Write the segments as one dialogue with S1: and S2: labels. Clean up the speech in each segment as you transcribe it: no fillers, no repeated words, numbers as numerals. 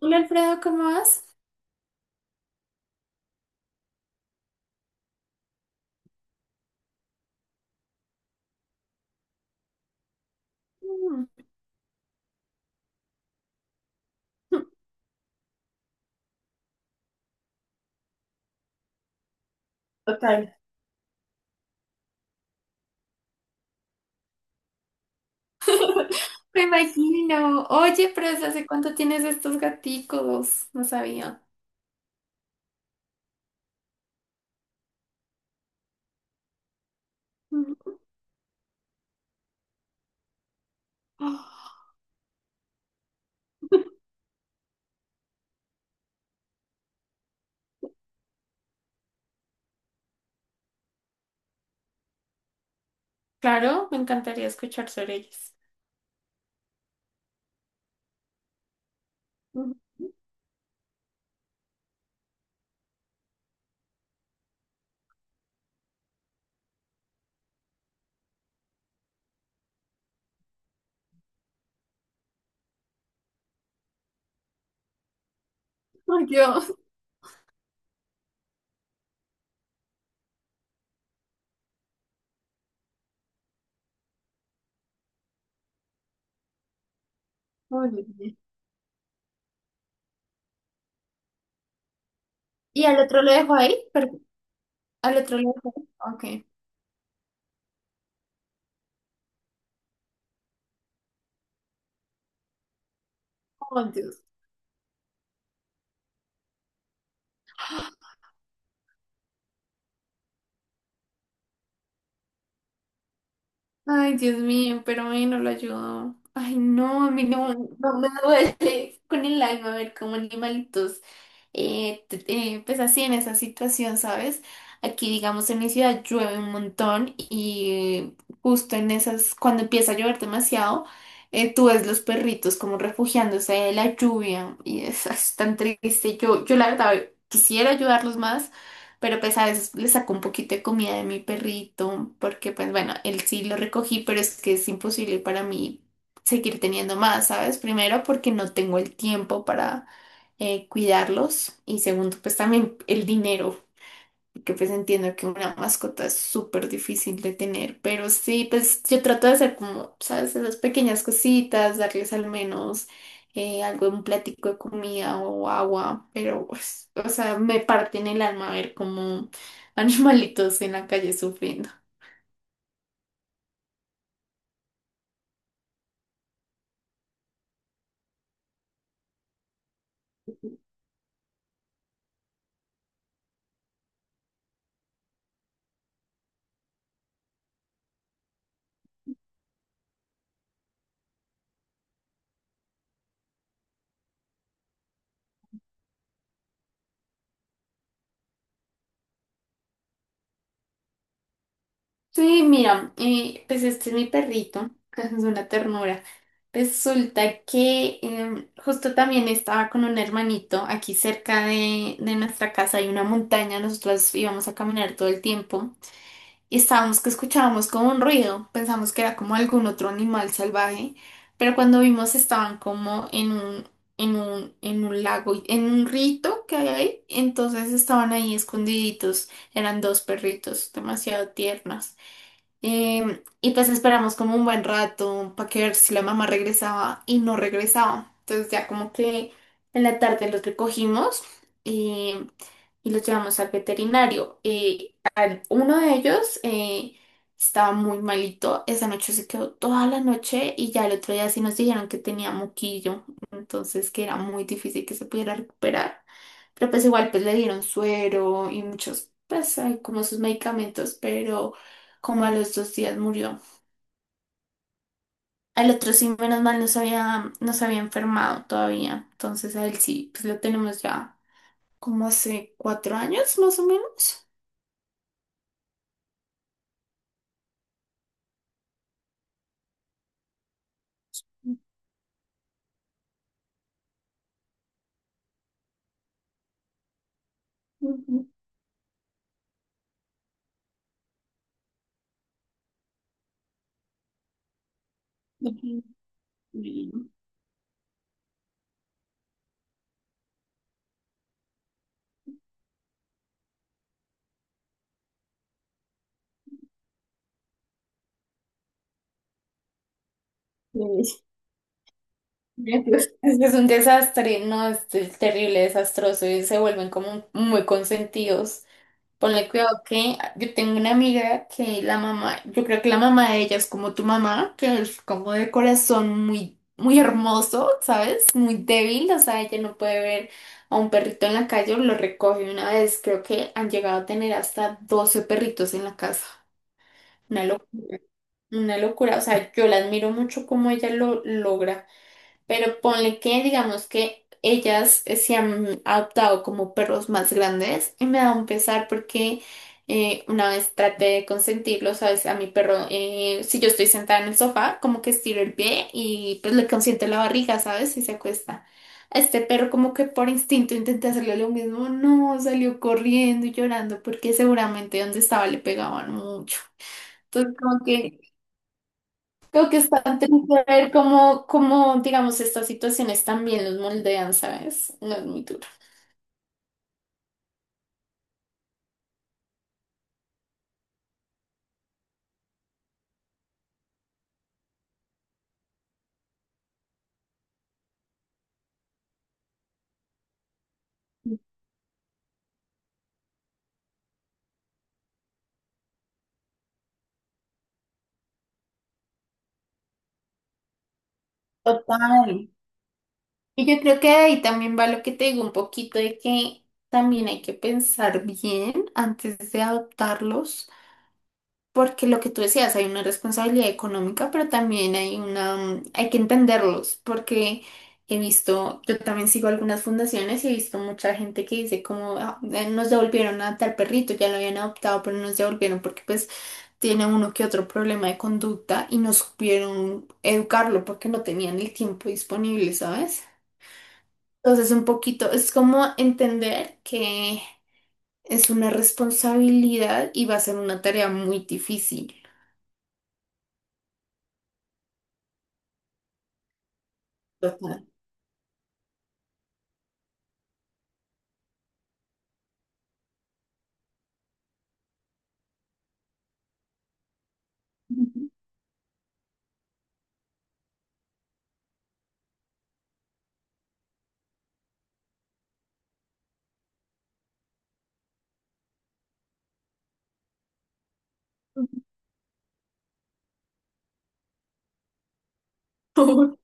S1: Hola Alfredo, ¿cómo vas? Mm. Total. Me imagino. Oye, pero ¿desde hace cuánto tienes estos gaticos? No sabía. Mm. Oh, claro, me encantaría escuchar sobre ellos. Mm. Ay, Dios. Muy bien. ¿Y al otro lo dejo ahí? Per- ¿Al otro lo dejo ahí? Ok. Oh, Dios. Ay, Dios mío, pero a mí no lo ayudó. Ay, no, a mí no, no me duele con el alma ver cómo animalitos, pues así en esa situación, ¿sabes? Aquí, digamos, en mi ciudad llueve un montón y justo en esas, cuando empieza a llover demasiado, tú ves los perritos como refugiándose de la lluvia y es tan triste. Yo la verdad quisiera ayudarlos más, pero pues a veces le saco un poquito de comida de mi perrito, porque pues bueno, él sí lo recogí, pero es que es imposible para mí seguir teniendo más, ¿sabes? Primero porque no tengo el tiempo para cuidarlos, y segundo pues también el dinero, que pues entiendo que una mascota es súper difícil de tener, pero sí, pues yo trato de hacer como, ¿sabes? Esas pequeñas cositas, darles al menos algo, un platico de comida o agua, pero pues, o sea, me parte en el alma ver como animalitos en la calle sufriendo. Sí, mira, pues este es mi perrito, es una ternura. Resulta que justo también estaba con un hermanito aquí cerca de nuestra casa; hay una montaña, nosotros íbamos a caminar todo el tiempo y estábamos que escuchábamos como un ruido, pensamos que era como algún otro animal salvaje, pero cuando vimos estaban como en un lago, en un rito que hay ahí. Entonces estaban ahí escondiditos, eran dos perritos demasiado tiernos. Y pues esperamos como un buen rato para ver si la mamá regresaba, y no regresaba. Entonces ya como que en la tarde los recogimos y los llevamos al veterinario. Uno de ellos estaba muy malito, esa noche se quedó toda la noche y ya el otro día sí nos dijeron que tenía moquillo, entonces que era muy difícil que se pudiera recuperar. Pero pues igual pues le dieron suero y muchos, pues hay como sus medicamentos, pero como a los 2 días murió. Al otro sí, menos mal, no se había enfermado todavía, entonces a él sí, pues lo tenemos ya como hace 4 años más o menos. Ujú, ujú, ujú. Es que es un desastre, no, es terrible, desastroso, y se vuelven como muy consentidos. Ponle cuidado que yo tengo una amiga que la mamá, yo creo que la mamá de ella es como tu mamá, que es como de corazón muy, muy hermoso, ¿sabes? Muy débil, o sea, ella no puede ver a un perrito en la calle, lo recoge una vez; creo que han llegado a tener hasta 12 perritos en la casa. Una locura. Una locura, o sea, yo la admiro mucho cómo ella lo logra, pero ponle que digamos que ellas se han adoptado como perros más grandes y me da un pesar porque una vez traté de consentirlo, sabes, a mi perro. Si yo estoy sentada en el sofá, como que estiro el pie y pues le consiento la barriga, sabes, y se acuesta. A este perro como que por instinto intenté hacerle lo mismo, no, salió corriendo y llorando porque seguramente donde estaba le pegaban mucho. Entonces como que... creo que es tan triste ver digamos, estas situaciones también los moldean, ¿sabes? No es muy duro. Total. Y yo creo que ahí también va lo que te digo un poquito de que también hay que pensar bien antes de adoptarlos, porque lo que tú decías, hay una responsabilidad económica, pero también hay una, hay que entenderlos, porque he visto, yo también sigo algunas fundaciones, y he visto mucha gente que dice como: "Ah, nos devolvieron a tal perrito, ya lo habían adoptado, pero no nos devolvieron porque pues tiene uno que otro problema de conducta y no supieron educarlo porque no tenían el tiempo disponible", ¿sabes? Entonces, un poquito, es como entender que es una responsabilidad y va a ser una tarea muy difícil. Total. Ujú.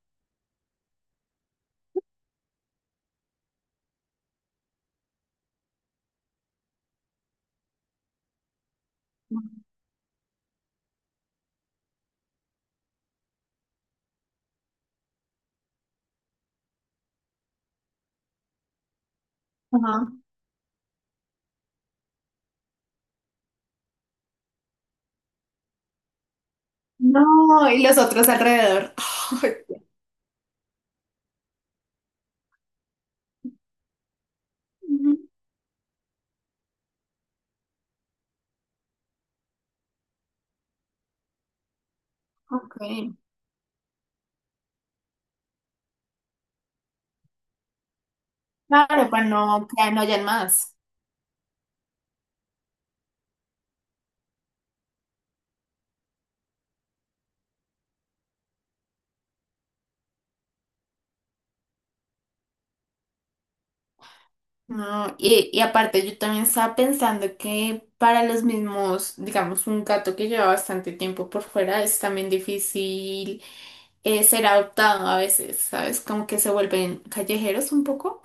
S1: Ajá. No, y los otros alrededor. Ay, Dios. Ujú. Ok. Claro, para no que no hayan más. No, y aparte yo también estaba pensando que para los mismos, digamos, un gato que lleva bastante tiempo por fuera es también difícil ser adoptado a veces, ¿sabes? Como que se vuelven callejeros un poco.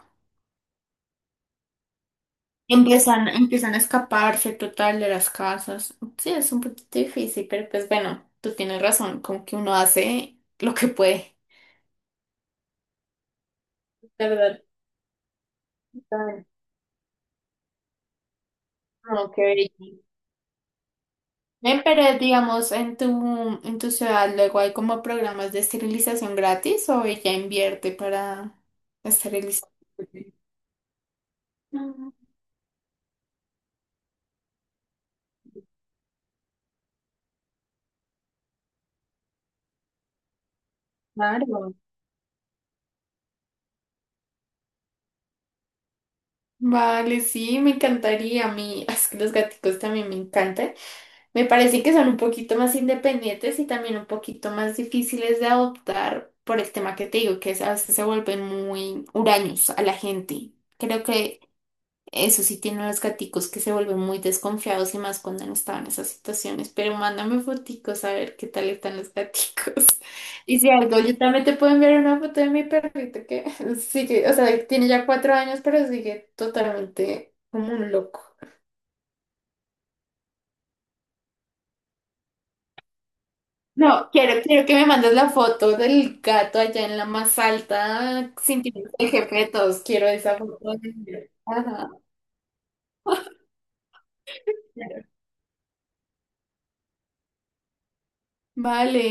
S1: Empiezan a escaparse total de las casas. Sí, es un poquito difícil, pero pues bueno, tú tienes razón, como que uno hace lo que puede. De verdad, total. No, qué bello. Ven, pero digamos, en tu ciudad luego hay como programas de esterilización gratis, o ella invierte para esterilizar. Mm. Claro. Vale, sí, me encantaría. A mí, es que los gaticos también me encantan. Me parece que son un poquito más independientes y también un poquito más difíciles de adoptar por el tema que te digo, que es, a veces se vuelven muy huraños a la gente. Creo que eso sí tienen los gaticos, que se vuelven muy desconfiados, y más cuando han estado en esas situaciones. Pero mándame foticos a ver qué tal están los gaticos. Y si algo, yo también te puedo enviar una foto de mi perrito, que sigue, o sea, tiene ya 4 años, pero sigue totalmente como un loco. No, quiero que me mandes la foto del gato allá en la más alta, sintiendo el jefe de todos. Quiero esa foto. Ajá. Vale.